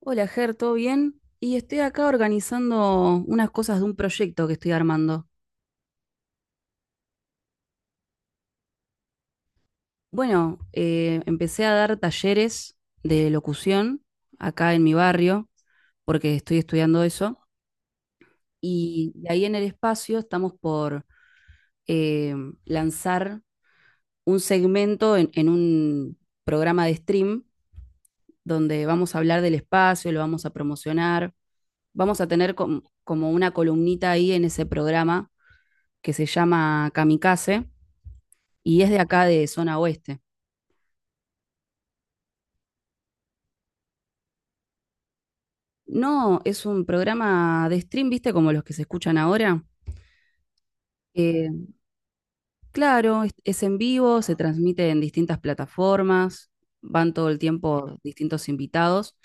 Hola, Ger, ¿todo bien? Y estoy acá organizando unas cosas de un proyecto que estoy armando. Bueno, empecé a dar talleres de locución acá en mi barrio, porque estoy estudiando eso, y de ahí en el espacio estamos por eh, lanzar un segmento en un programa de stream donde vamos a hablar del espacio, lo vamos a promocionar, vamos a tener como una columnita ahí en ese programa que se llama Kamikaze y es de acá de zona oeste. No, es un programa de stream, ¿viste? Como los que se escuchan ahora. Eh, claro, es en vivo, se transmite en distintas plataformas, van todo el tiempo distintos invitados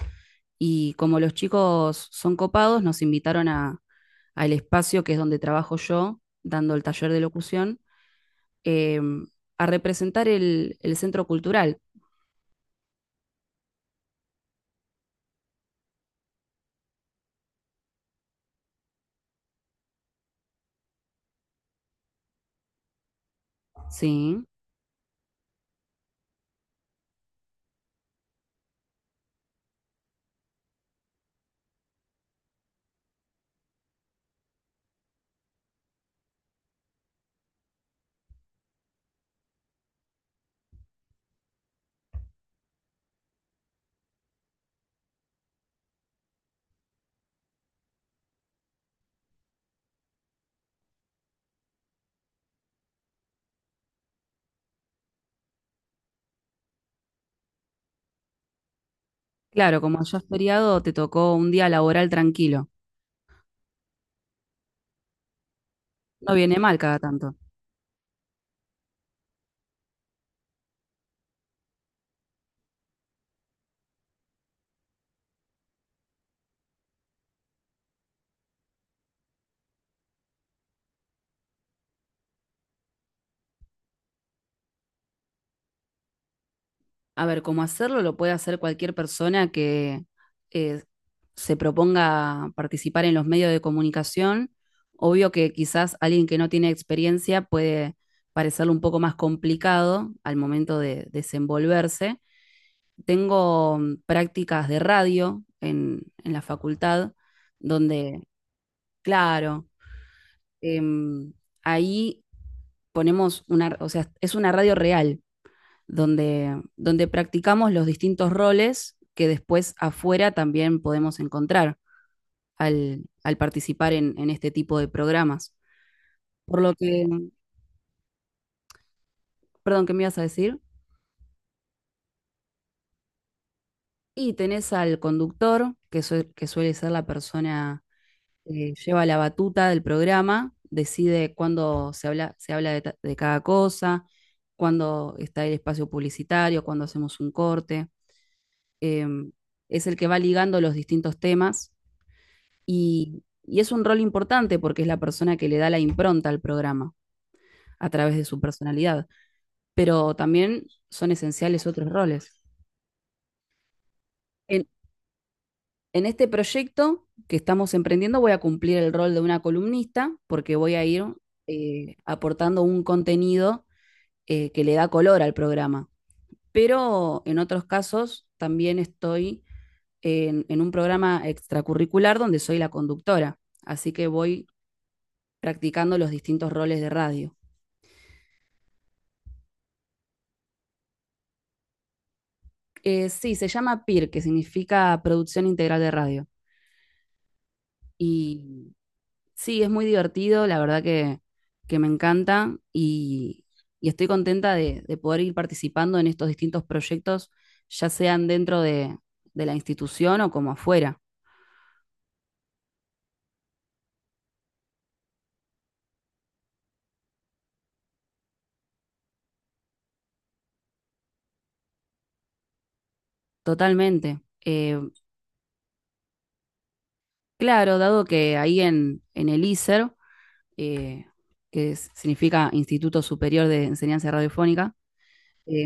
y como los chicos son copados, nos invitaron a, al espacio que es donde trabajo yo, dando el taller de locución, eh, a representar el centro cultural. Sí, claro, como allá es feriado, te tocó un día laboral tranquilo. No viene mal cada tanto. A ver, cómo hacerlo lo puede hacer cualquier persona que eh, se proponga participar en los medios de comunicación. Obvio que quizás alguien que no tiene experiencia puede parecerle un poco más complicado al momento de desenvolverse. Tengo prácticas de radio en la facultad, donde, claro, em, ahí ponemos una, o sea, es una radio real donde practicamos los distintos roles que después afuera también podemos encontrar al participar en este tipo de programas. Por lo que, perdón, ¿qué me ibas a decir? Y tenés al conductor, que, que suele ser la persona que lleva la batuta del programa, decide cuándo se habla de, de cada cosa, cuándo está el espacio publicitario, cuándo hacemos un corte. Em, es el que va ligando los distintos temas. Y es un rol importante porque es la persona que le da la impronta al programa a través de su personalidad, pero también son esenciales otros roles. En, en este proyecto que estamos emprendiendo voy a cumplir el rol de una columnista porque voy a ir aportando un contenido que le da color al programa. Pero en otros casos también estoy en un programa extracurricular donde soy la conductora, así que voy practicando los distintos roles de radio. Sí, se llama PIR, que significa Producción Integral de Radio. Y sí, es muy divertido, la verdad que me encanta y estoy contenta de poder ir participando en estos distintos proyectos, ya sean dentro de la institución o como afuera, totalmente. Claro, dado que ahí en el ISER, eh, que significa Instituto Superior de Enseñanza Radiofónica, eh,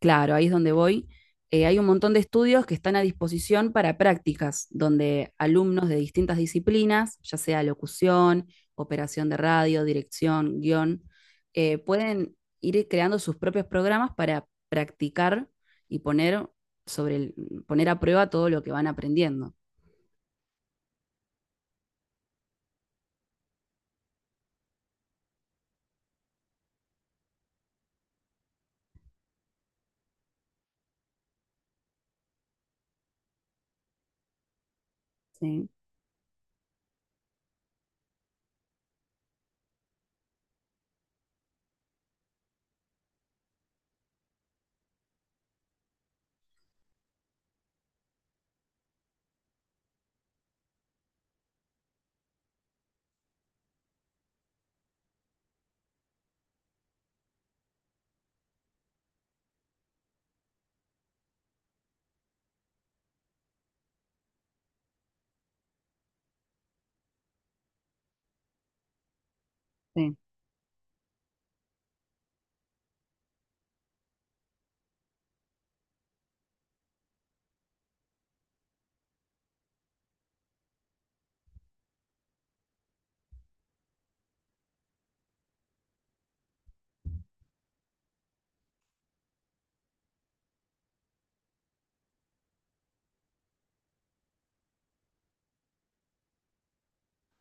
claro, ahí es donde voy. Hay un montón de estudios que están a disposición para prácticas, donde alumnos de distintas disciplinas, ya sea locución, operación de radio, dirección, guión, pueden ir creando sus propios programas para practicar y poner, sobre el- poner a prueba todo lo que van aprendiendo. Sí, sí.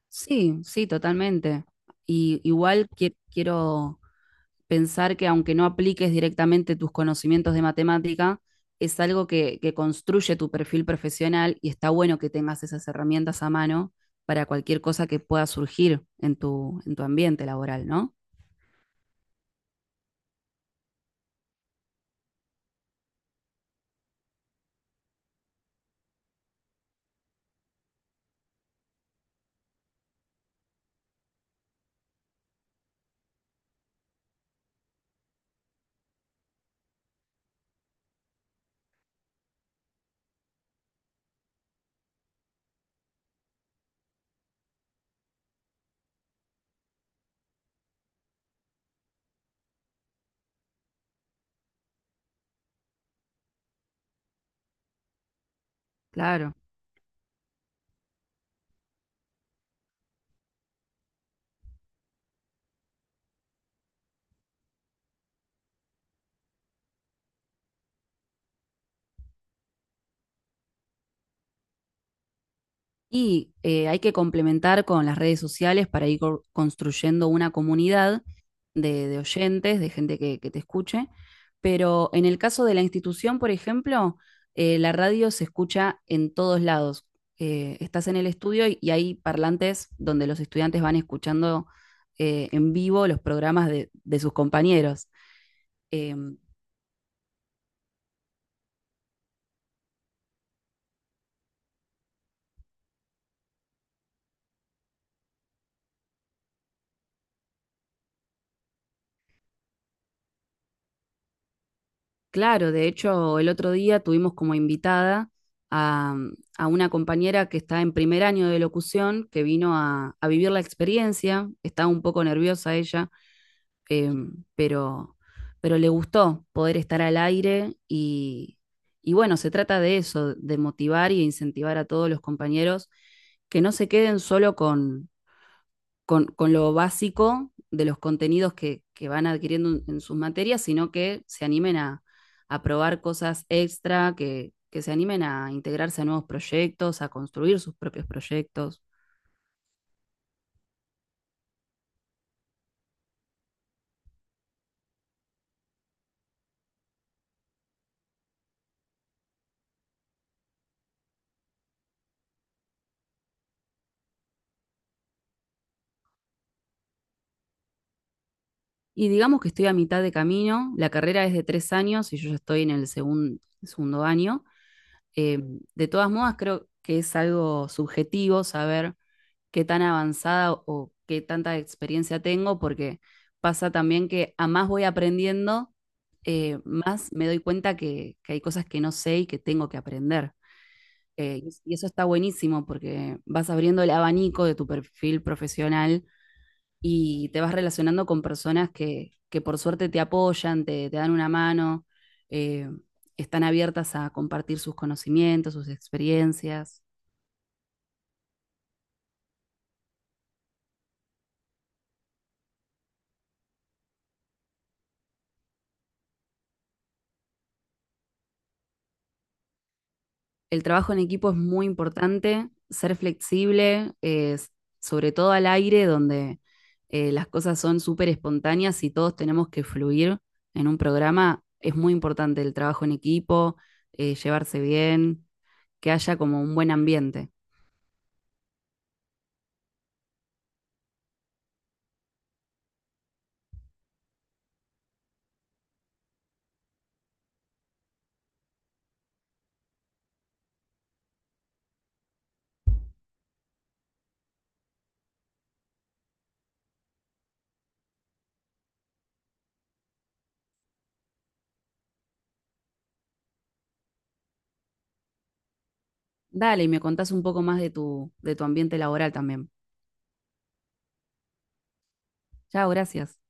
Sí, sí, totalmente. Y igual quiero pensar que aunque no apliques directamente tus conocimientos de matemática, es algo que construye tu perfil profesional y está bueno que tengas esas herramientas a mano para cualquier cosa que pueda surgir en tu ambiente laboral, ¿no? Claro. Y hay que complementar con las redes sociales para ir construyendo una comunidad de oyentes, de gente que te escuche. Pero en el caso de la institución, por ejemplo, la radio se escucha en todos lados. Estás en el estudio y hay parlantes donde los estudiantes van escuchando en vivo los programas de sus compañeros. Eh, Claro, de hecho, el otro día tuvimos como invitada a, a una compañera que está en primer año de locución, que vino a vivir la experiencia, estaba un poco nerviosa ella, eh, pero, pero le gustó poder estar al aire y bueno, se trata de eso, de motivar y incentivar a todos los compañeros que no se queden solo con, con lo básico de los contenidos que van adquiriendo en, sus materias, sino que se animen a probar cosas extra, que se animen a integrarse a nuevos proyectos, a construir sus propios proyectos. Y digamos que estoy a mitad de camino, la carrera es de tres años y yo ya estoy en el segundo año. Eh, de todas modas, creo que es algo subjetivo saber qué tan avanzada o qué tanta experiencia tengo, porque pasa también que a más voy aprendiendo, más me doy cuenta que hay cosas que no sé y que tengo que aprender. Y y eso está buenísimo porque vas abriendo el abanico de tu perfil profesional y te vas relacionando con personas que por suerte te apoyan, te dan una mano, eh, están abiertas a compartir sus conocimientos, sus experiencias. El trabajo en equipo es muy importante, ser flexible, sobre todo al aire, donde las cosas son súper espontáneas y todos tenemos que fluir en un programa. Es muy importante el trabajo en equipo, llevarse bien, que haya como un buen ambiente. Dale, y me contás un poco más de tu ambiente laboral también. Chao, gracias.